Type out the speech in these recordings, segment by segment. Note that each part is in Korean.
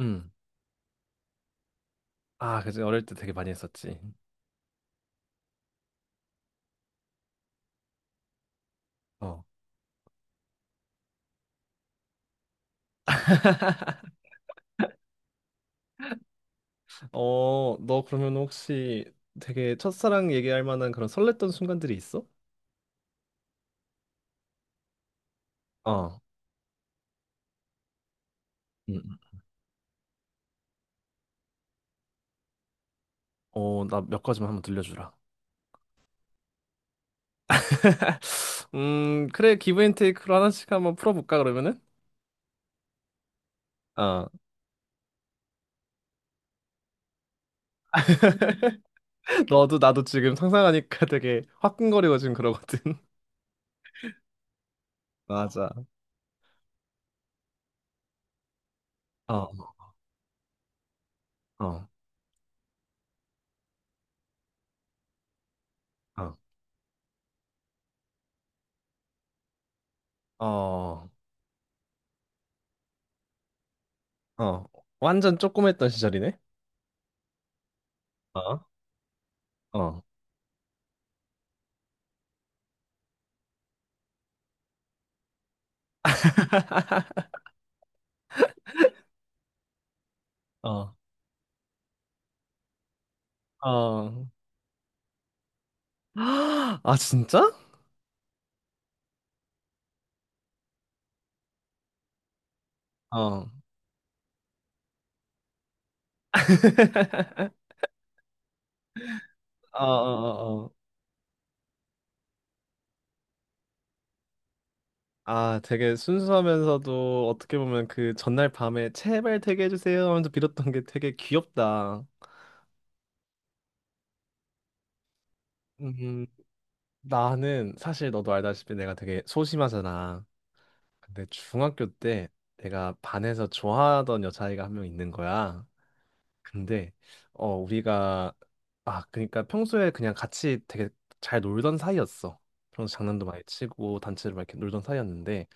음. 아, 그치. 어릴 때 되게 많이 했었지. 어. 너 그러면 혹시 되게 첫사랑 얘기할 만한 그런 설렜던 순간들이 있어? 어. 음, 음. 나 몇 가지만 한번 들려주라. 그래. 기브 앤 테이크로 하나씩 한번 풀어볼까, 그러면은? 어. 너도 나도 지금 상상하니까 되게 화끈거리고 지금 그러거든. 맞아. 어, 어, 어, 어, 어. 완전 쪼꼬맸던 시절이네. 어, 어. 어, 어. 아, 진짜? 어. 어, 어, 어, 어. 아, 되게 순수하면서도 어떻게 보면 그 전날 밤에 제발 되게 해주세요 하면서 빌었던 게 되게 귀엽다. 음, 나는 사실 너도 알다시피 내가 되게 소심하잖아. 근데 중학교 때 내가 반에서 좋아하던 여자아이가 한 명 있는 거야. 근데 우리가 그러니까 평소에 그냥 같이 되게 잘 놀던 사이였어. 평소 장난도 많이 치고 단체로 막 이렇게 놀던 사이였는데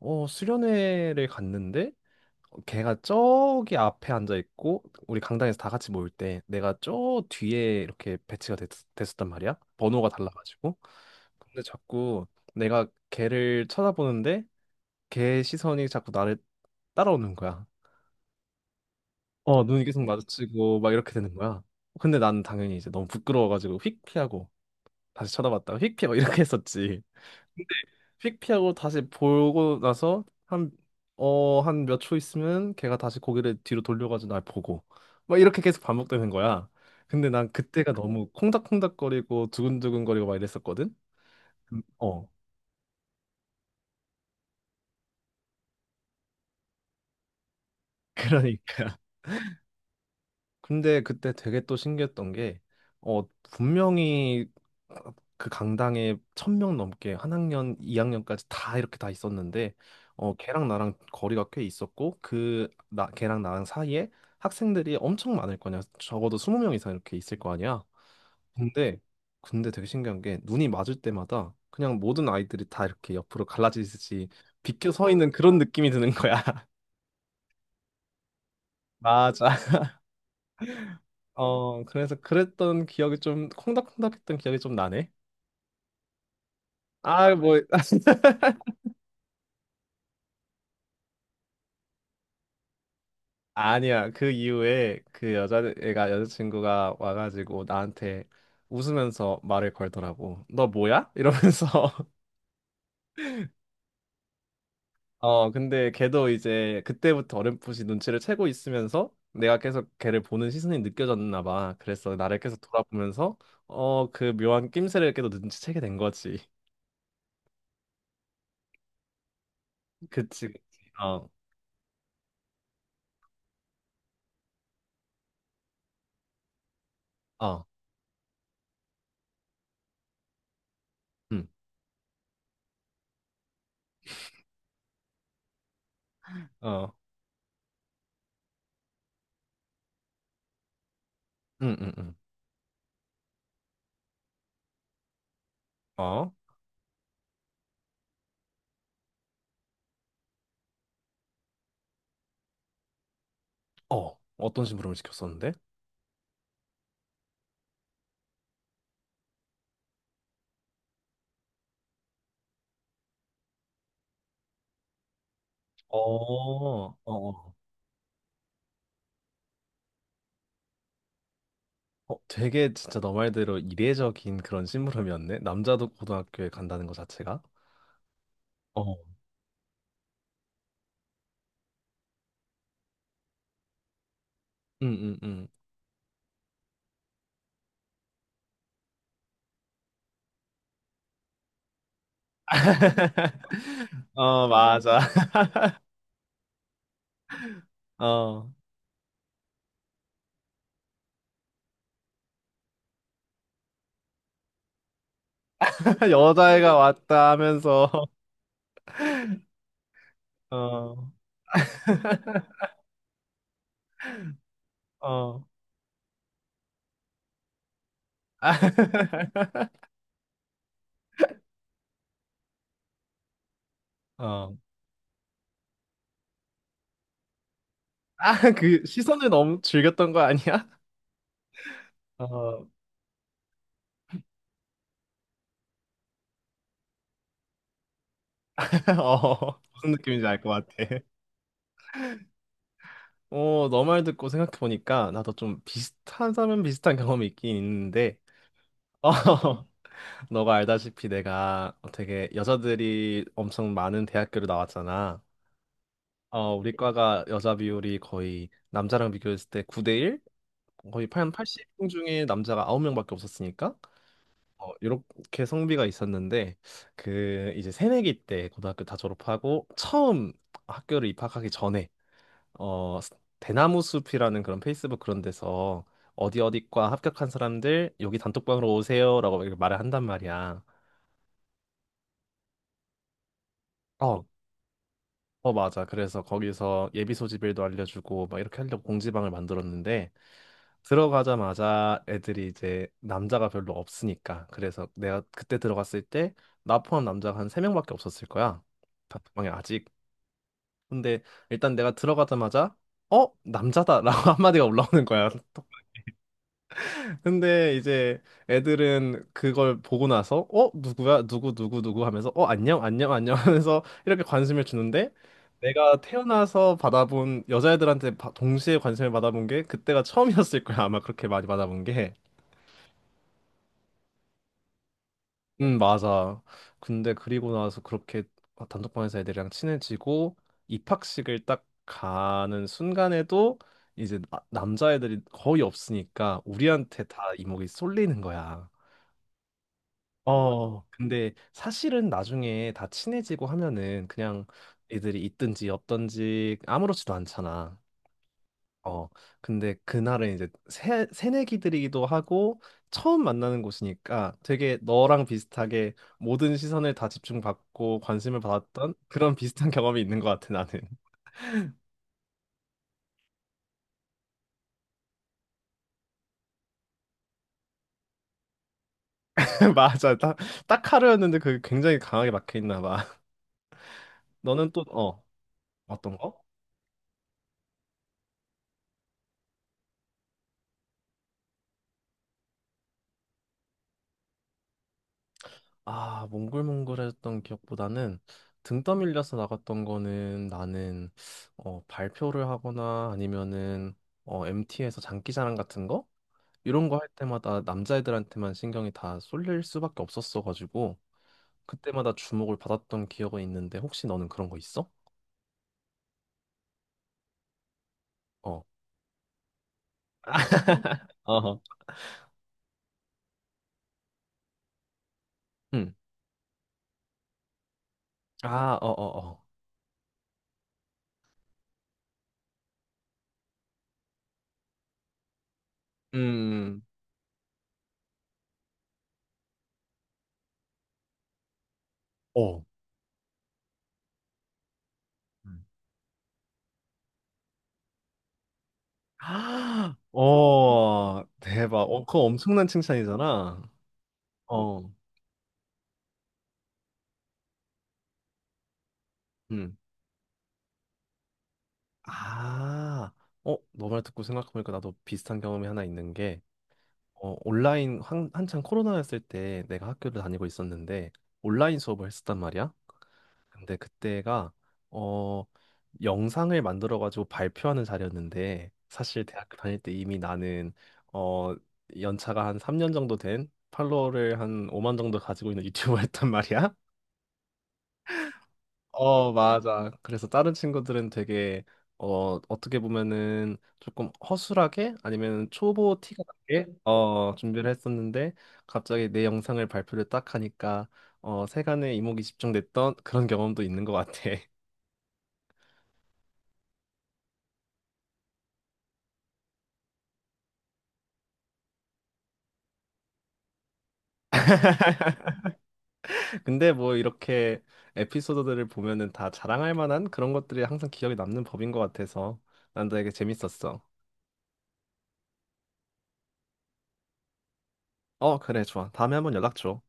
수련회를 갔는데 걔가 저기 앞에 앉아 있고 우리 강당에서 다 같이 모일 때 내가 저 뒤에 이렇게 배치가 됐었단 말이야. 번호가 달라가지고. 근데 자꾸 내가 걔를 쳐다보는데 걔 시선이 자꾸 나를 따라오는 거야. 눈이 계속 마주치고 막 이렇게 되는 거야. 근데 난 당연히 이제 너무 부끄러워가지고 휙 피하고 다시 쳐다봤다가 휙 피하고 이렇게 했었지. 근데 휙 피하고 다시 보고 나서 한 몇 초 있으면 걔가 다시 고개를 뒤로 돌려가지고 날 보고 막 이렇게 계속 반복되는 거야. 근데 난 그때가 너무 콩닥콩닥거리고 두근두근거리고 막 이랬었거든. 음. 어. 그러니까 근데 그때 되게 또 신기했던 게, 분명히 그 강당에 천 명 넘게 한 학년, 이학년까지다 이렇게 다 있었는데, 걔랑 나랑 거리가 꽤 있었고, 걔랑 나랑 사이에 학생들이 엄청 많을 거냐. 적어도 20명 이상 이렇게 있을 거 아니야. 근데, 근데 되게 신기한 게, 눈이 맞을 때마다 그냥 모든 아이들이 다 이렇게 옆으로 갈라지듯이 비켜 서 있는 그런 느낌이 드는 거야. 맞아. 그래서 그랬던 기억이 좀 콩닥콩닥했던 기억이 좀 나네. 아, 뭐. 아니야. 그 이후에 그 여자애가 여자친구가 와가지고 나한테 웃으면서 말을 걸더라고. 너 뭐야? 이러면서. 근데 걔도 이제 그때부터 어렴풋이 눈치를 채고 있으면서 내가 계속 걔를 보는 시선이 느껴졌나 봐. 그래서 나를 계속 돌아보면서 그 묘한 낌새를 계속 눈치채게 된 거지. 그치, 그치. 어, 어, 응, 어, 응, 응, 응. 어. 어떤 심부름을 시켰었는데? 어, 어, 어. 되게 진짜 너 말대로 이례적인 그런 심부름이었네. 남자도 고등학교에 간다는 것 자체가. 어, 응, 응, 응. 어, 맞아. 어, 여자애가 왔다 하면서, 어, 어, 아, 어. 아, 그 시선을 너무 즐겼던 거 아니야? 어, 무슨 느낌인지 알 것 같아. 너 말 듣고 생각해보니까 나도 좀 비슷하다면 비슷한 경험이 있긴 있는데, 어, 너가 알다시피 내가 되게 여자들이 엄청 많은 대학교를 나왔잖아. 우리 과가 여자 비율이 거의 남자랑 비교했을 때 9대 1? 거의 80명 중에 남자가 9명밖에 없었으니까, 이렇게 성비가 있었는데, 그 이제 새내기 때 고등학교 다 졸업하고 처음 학교를 입학하기 전에 어, 스- 대나무 숲이라는 그런 페이스북 그런 데서 어디 어디과 합격한 사람들 여기 단톡방으로 오세요라고 이렇게 말을 한단 말이야. 어, 어, 맞아. 그래서 거기서 예비 소집일도 알려주고 막 이렇게 하려고 공지방을 만들었는데 들어가자마자 애들이 이제 남자가 별로 없으니까 그래서 내가 그때 들어갔을 때 나 포함 남자가 한 세명밖에 없었을 거야. 단톡방에 아직. 근데 일단 내가 들어가자마자 어? 남자다 라고 한마디가 올라오는 거야. 근데 이제 애들은 그걸 보고 나서 어 누구야 누구 누구 누구 하면서 어 안녕 안녕 안녕 하면서 이렇게 관심을 주는데 내가 태어나서 받아본 여자애들한테 동시에 관심을 받아본 게 그때가 처음이었을 거야 아마 그렇게 많이 받아본 게. 음, 맞아. 근데 그리고 나서 그렇게 단톡방에서 애들이랑 친해지고 입학식을 딱 가는 순간에도 이제 남자애들이 거의 없으니까 우리한테 다 이목이 쏠리는 거야. 근데 사실은 나중에 다 친해지고 하면은 그냥 애들이 있든지 없든지 아무렇지도 않잖아. 어, 근데 그날은 이제 새내기들이기도 하고 처음 만나는 곳이니까 되게 너랑 비슷하게 모든 시선을 다 집중받고 관심을 받았던 그런 비슷한 경험이 있는 것 같아, 나는. 맞아. 딱 하루였는데 그게 굉장히 강하게 막혀있나 봐. 너는 또, 어떤 거? 아, 몽글몽글했던 기억보다는 등 떠밀려서 나갔던 거는 나는 발표를 하거나 아니면은 MT에서 장기자랑 같은 거 이런 거 할 때마다 남자애들한테만 신경이 다 쏠릴 수밖에 없었어 가지고 그때마다 주목을 받았던 기억은 있는데 혹시 너는 그런 거 있어? 어. 어허. 응. 아, 어, 어, 어. 음. 어. 음. 아, 어, 대박. 그거 엄청난 칭찬이잖아. 어. 아, 너 말 듣고 생각해보니까 나도 비슷한 경험이 하나 있는 게, 온라인 한창 코로나였을 때 내가 학교를 다니고 있었는데, 온라인 수업을 했었단 말이야. 근데 그때가, 어, 영상을 만들어가지고 발표하는 자리였는데, 사실 대학교 다닐 때 이미 나는, 어, 연차가 한 3년 정도 된 팔로워를 한 5만 정도 가지고 있는 유튜버였단 말이야. 어, 맞아. 그래서 다른 친구들은 되게 어떻게 보면은 조금 허술하게 아니면 초보 티가 나게 준비를 했었는데 갑자기 내 영상을 발표를 딱 하니까 세간의 이목이 집중됐던 그런 경험도 있는 것 같아. 근데 뭐 이렇게 에피소드들을 보면은 다 자랑할 만한 그런 것들이 항상 기억에 남는 법인 것 같아서 난 되게 재밌었어. 어, 그래, 좋아. 다음에 한번 연락 줘.